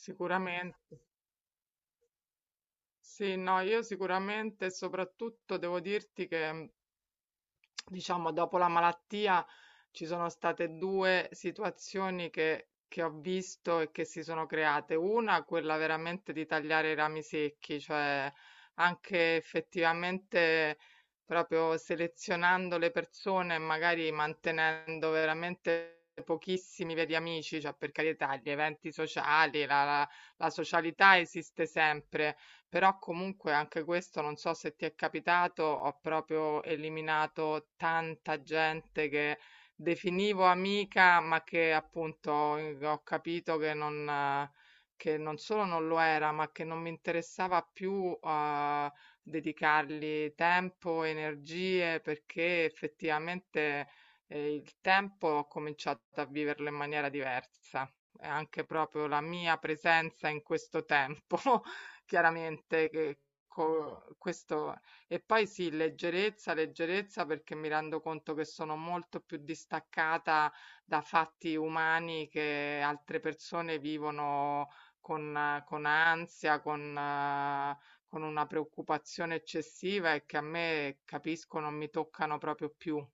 Sicuramente. Sì, no, io sicuramente, e soprattutto devo dirti che, diciamo, dopo la malattia ci sono state due situazioni che ho visto e che si sono create. Una, quella veramente di tagliare i rami secchi, cioè anche effettivamente proprio selezionando le persone e magari mantenendo veramente pochissimi veri amici, cioè per carità, gli eventi sociali, la socialità esiste sempre, però comunque anche questo non so se ti è capitato, ho proprio eliminato tanta gente che definivo amica, ma che appunto ho capito che non solo non lo era, ma che non mi interessava più dedicargli tempo, energie, perché effettivamente il tempo ho cominciato a viverlo in maniera diversa. E anche proprio la mia presenza in questo tempo chiaramente che questo. E poi sì, leggerezza, leggerezza, perché mi rendo conto che sono molto più distaccata da fatti umani che altre persone vivono con ansia, con una preoccupazione eccessiva e che a me, capisco, non mi toccano proprio più.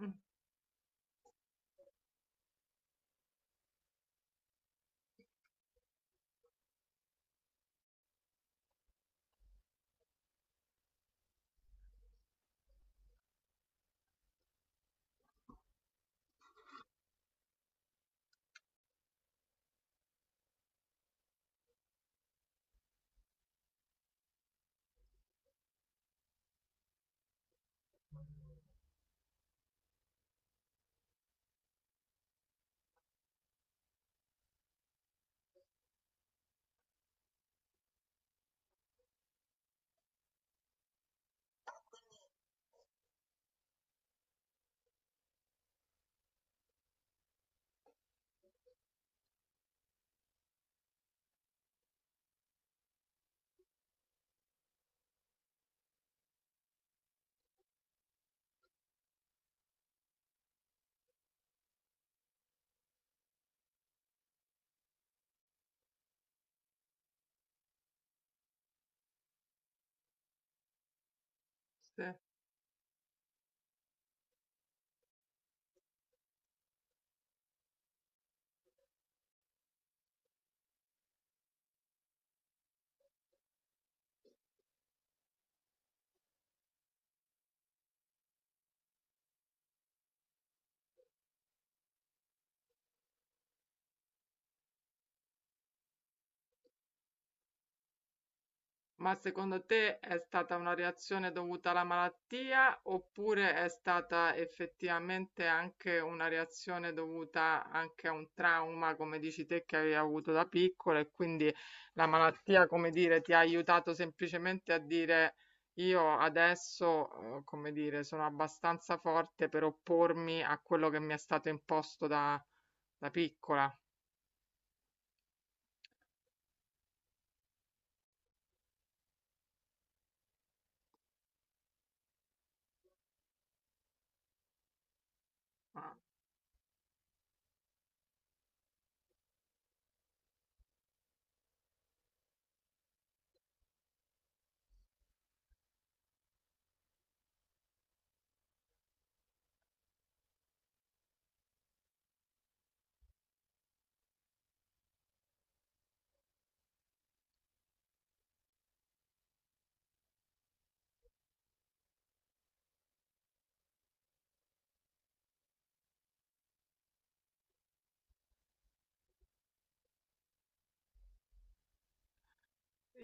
Mm, sì. Ma secondo te è stata una reazione dovuta alla malattia oppure è stata effettivamente anche una reazione dovuta anche a un trauma, come dici te, che avevi avuto da piccola, e quindi la malattia, come dire, ti ha aiutato semplicemente a dire: io adesso, come dire, sono abbastanza forte per oppormi a quello che mi è stato imposto da piccola. Ah,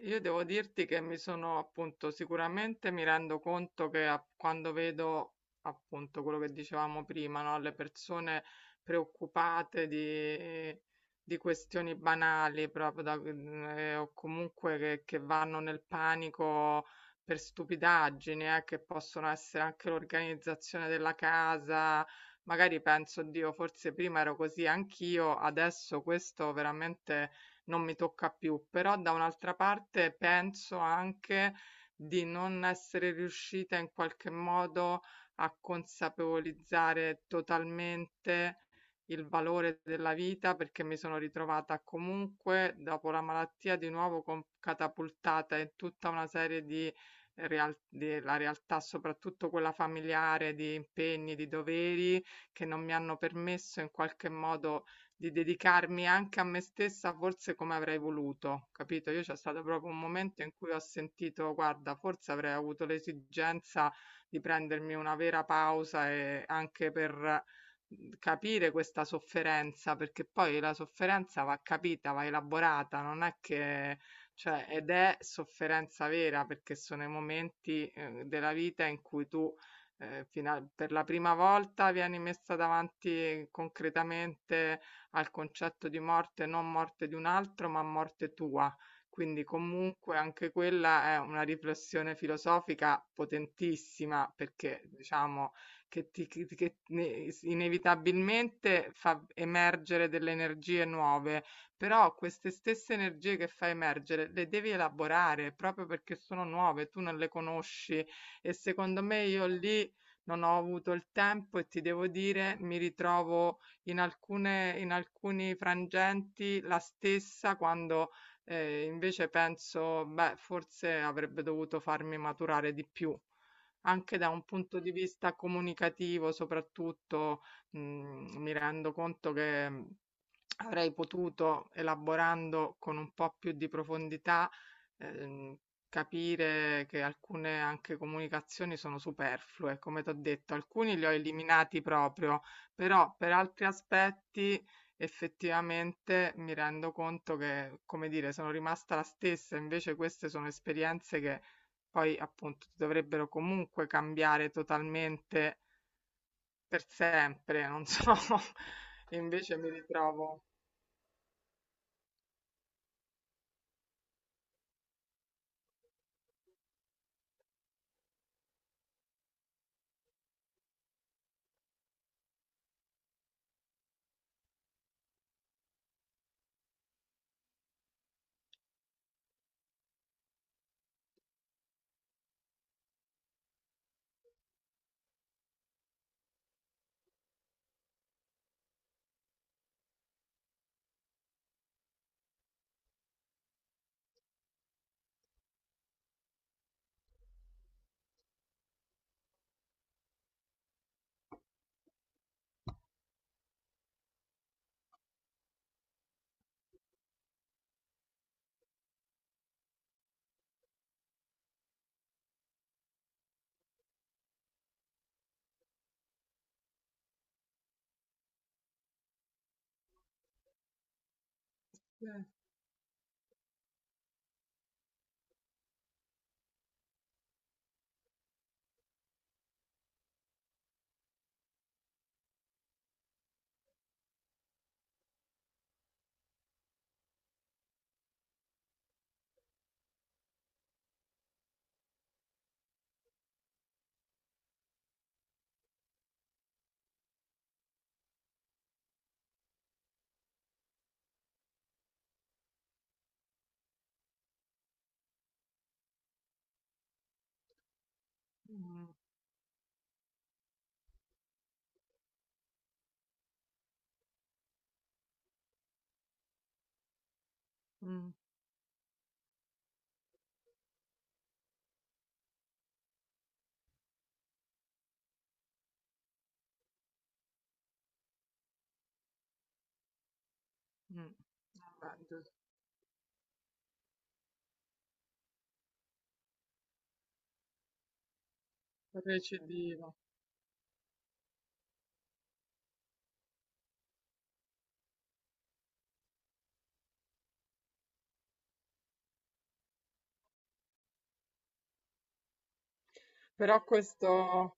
io devo dirti che mi sono appunto sicuramente mi rendo conto che quando vedo appunto quello che dicevamo prima, no? Le persone preoccupate di questioni banali proprio o comunque che vanno nel panico per stupidaggini, che possono essere anche l'organizzazione della casa. Magari penso, Dio, forse prima ero così anch'io, adesso questo veramente non mi tocca più, però da un'altra parte penso anche di non essere riuscita in qualche modo a consapevolizzare totalmente il valore della vita, perché mi sono ritrovata comunque dopo la malattia di nuovo catapultata in tutta una serie di della realtà, soprattutto quella familiare, di impegni, di doveri che non mi hanno permesso in qualche modo di dedicarmi anche a me stessa forse come avrei voluto, capito? Io, c'è stato proprio un momento in cui ho sentito, guarda, forse avrei avuto l'esigenza di prendermi una vera pausa e anche per capire questa sofferenza, perché poi la sofferenza va capita, va elaborata, non è che, cioè, ed è sofferenza vera, perché sono i momenti, della vita in cui tu, per la prima volta vieni messa davanti concretamente al concetto di morte, non morte di un altro, ma morte tua. Quindi comunque anche quella è una riflessione filosofica potentissima, perché diciamo che, ti, che ne- inevitabilmente fa emergere delle energie nuove, però queste stesse energie che fa emergere le devi elaborare proprio perché sono nuove, tu non le conosci, e secondo me io lì non ho avuto il tempo, e ti devo dire mi ritrovo in alcuni frangenti la stessa quando, invece penso: "Beh, forse avrebbe dovuto farmi maturare di più". Anche da un punto di vista comunicativo soprattutto, mi rendo conto che avrei potuto, elaborando con un po' più di profondità, ehm, capire che alcune anche comunicazioni sono superflue. Come t'ho detto, alcuni li ho eliminati proprio, però per altri aspetti effettivamente mi rendo conto che, come dire, sono rimasta la stessa, invece queste sono esperienze che poi appunto ti dovrebbero comunque cambiare totalmente per sempre, non so, e invece mi ritrovo. Eh, mm, mm, mm. Vabbè, giusto, recidivo. Però questo,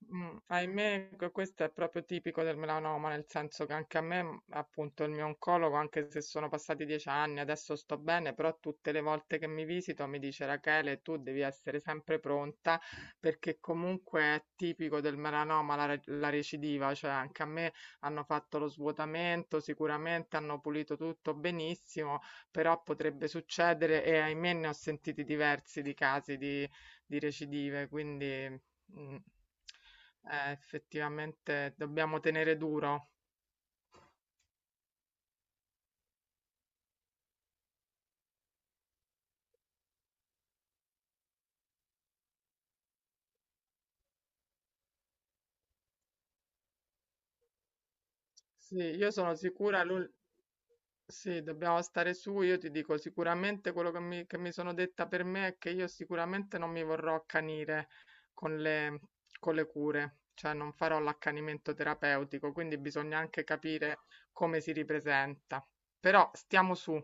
mh, ahimè, questo è proprio tipico del melanoma, nel senso che anche a me, appunto, il mio oncologo, anche se sono passati 10 anni, adesso sto bene, però tutte le volte che mi visito mi dice: "Rachele, tu devi essere sempre pronta, perché comunque è tipico del melanoma la recidiva", cioè anche a me hanno fatto lo svuotamento, sicuramente hanno pulito tutto benissimo, però potrebbe succedere e ahimè ne ho sentiti diversi di casi di recidive, quindi mh. Effettivamente dobbiamo tenere duro. Sì, io sono sicura, sì, dobbiamo stare su. Io ti dico sicuramente quello che che mi sono detta per me è che io sicuramente non mi vorrò accanire con le, con le cure, cioè non farò l'accanimento terapeutico, quindi bisogna anche capire come si ripresenta. Però stiamo su.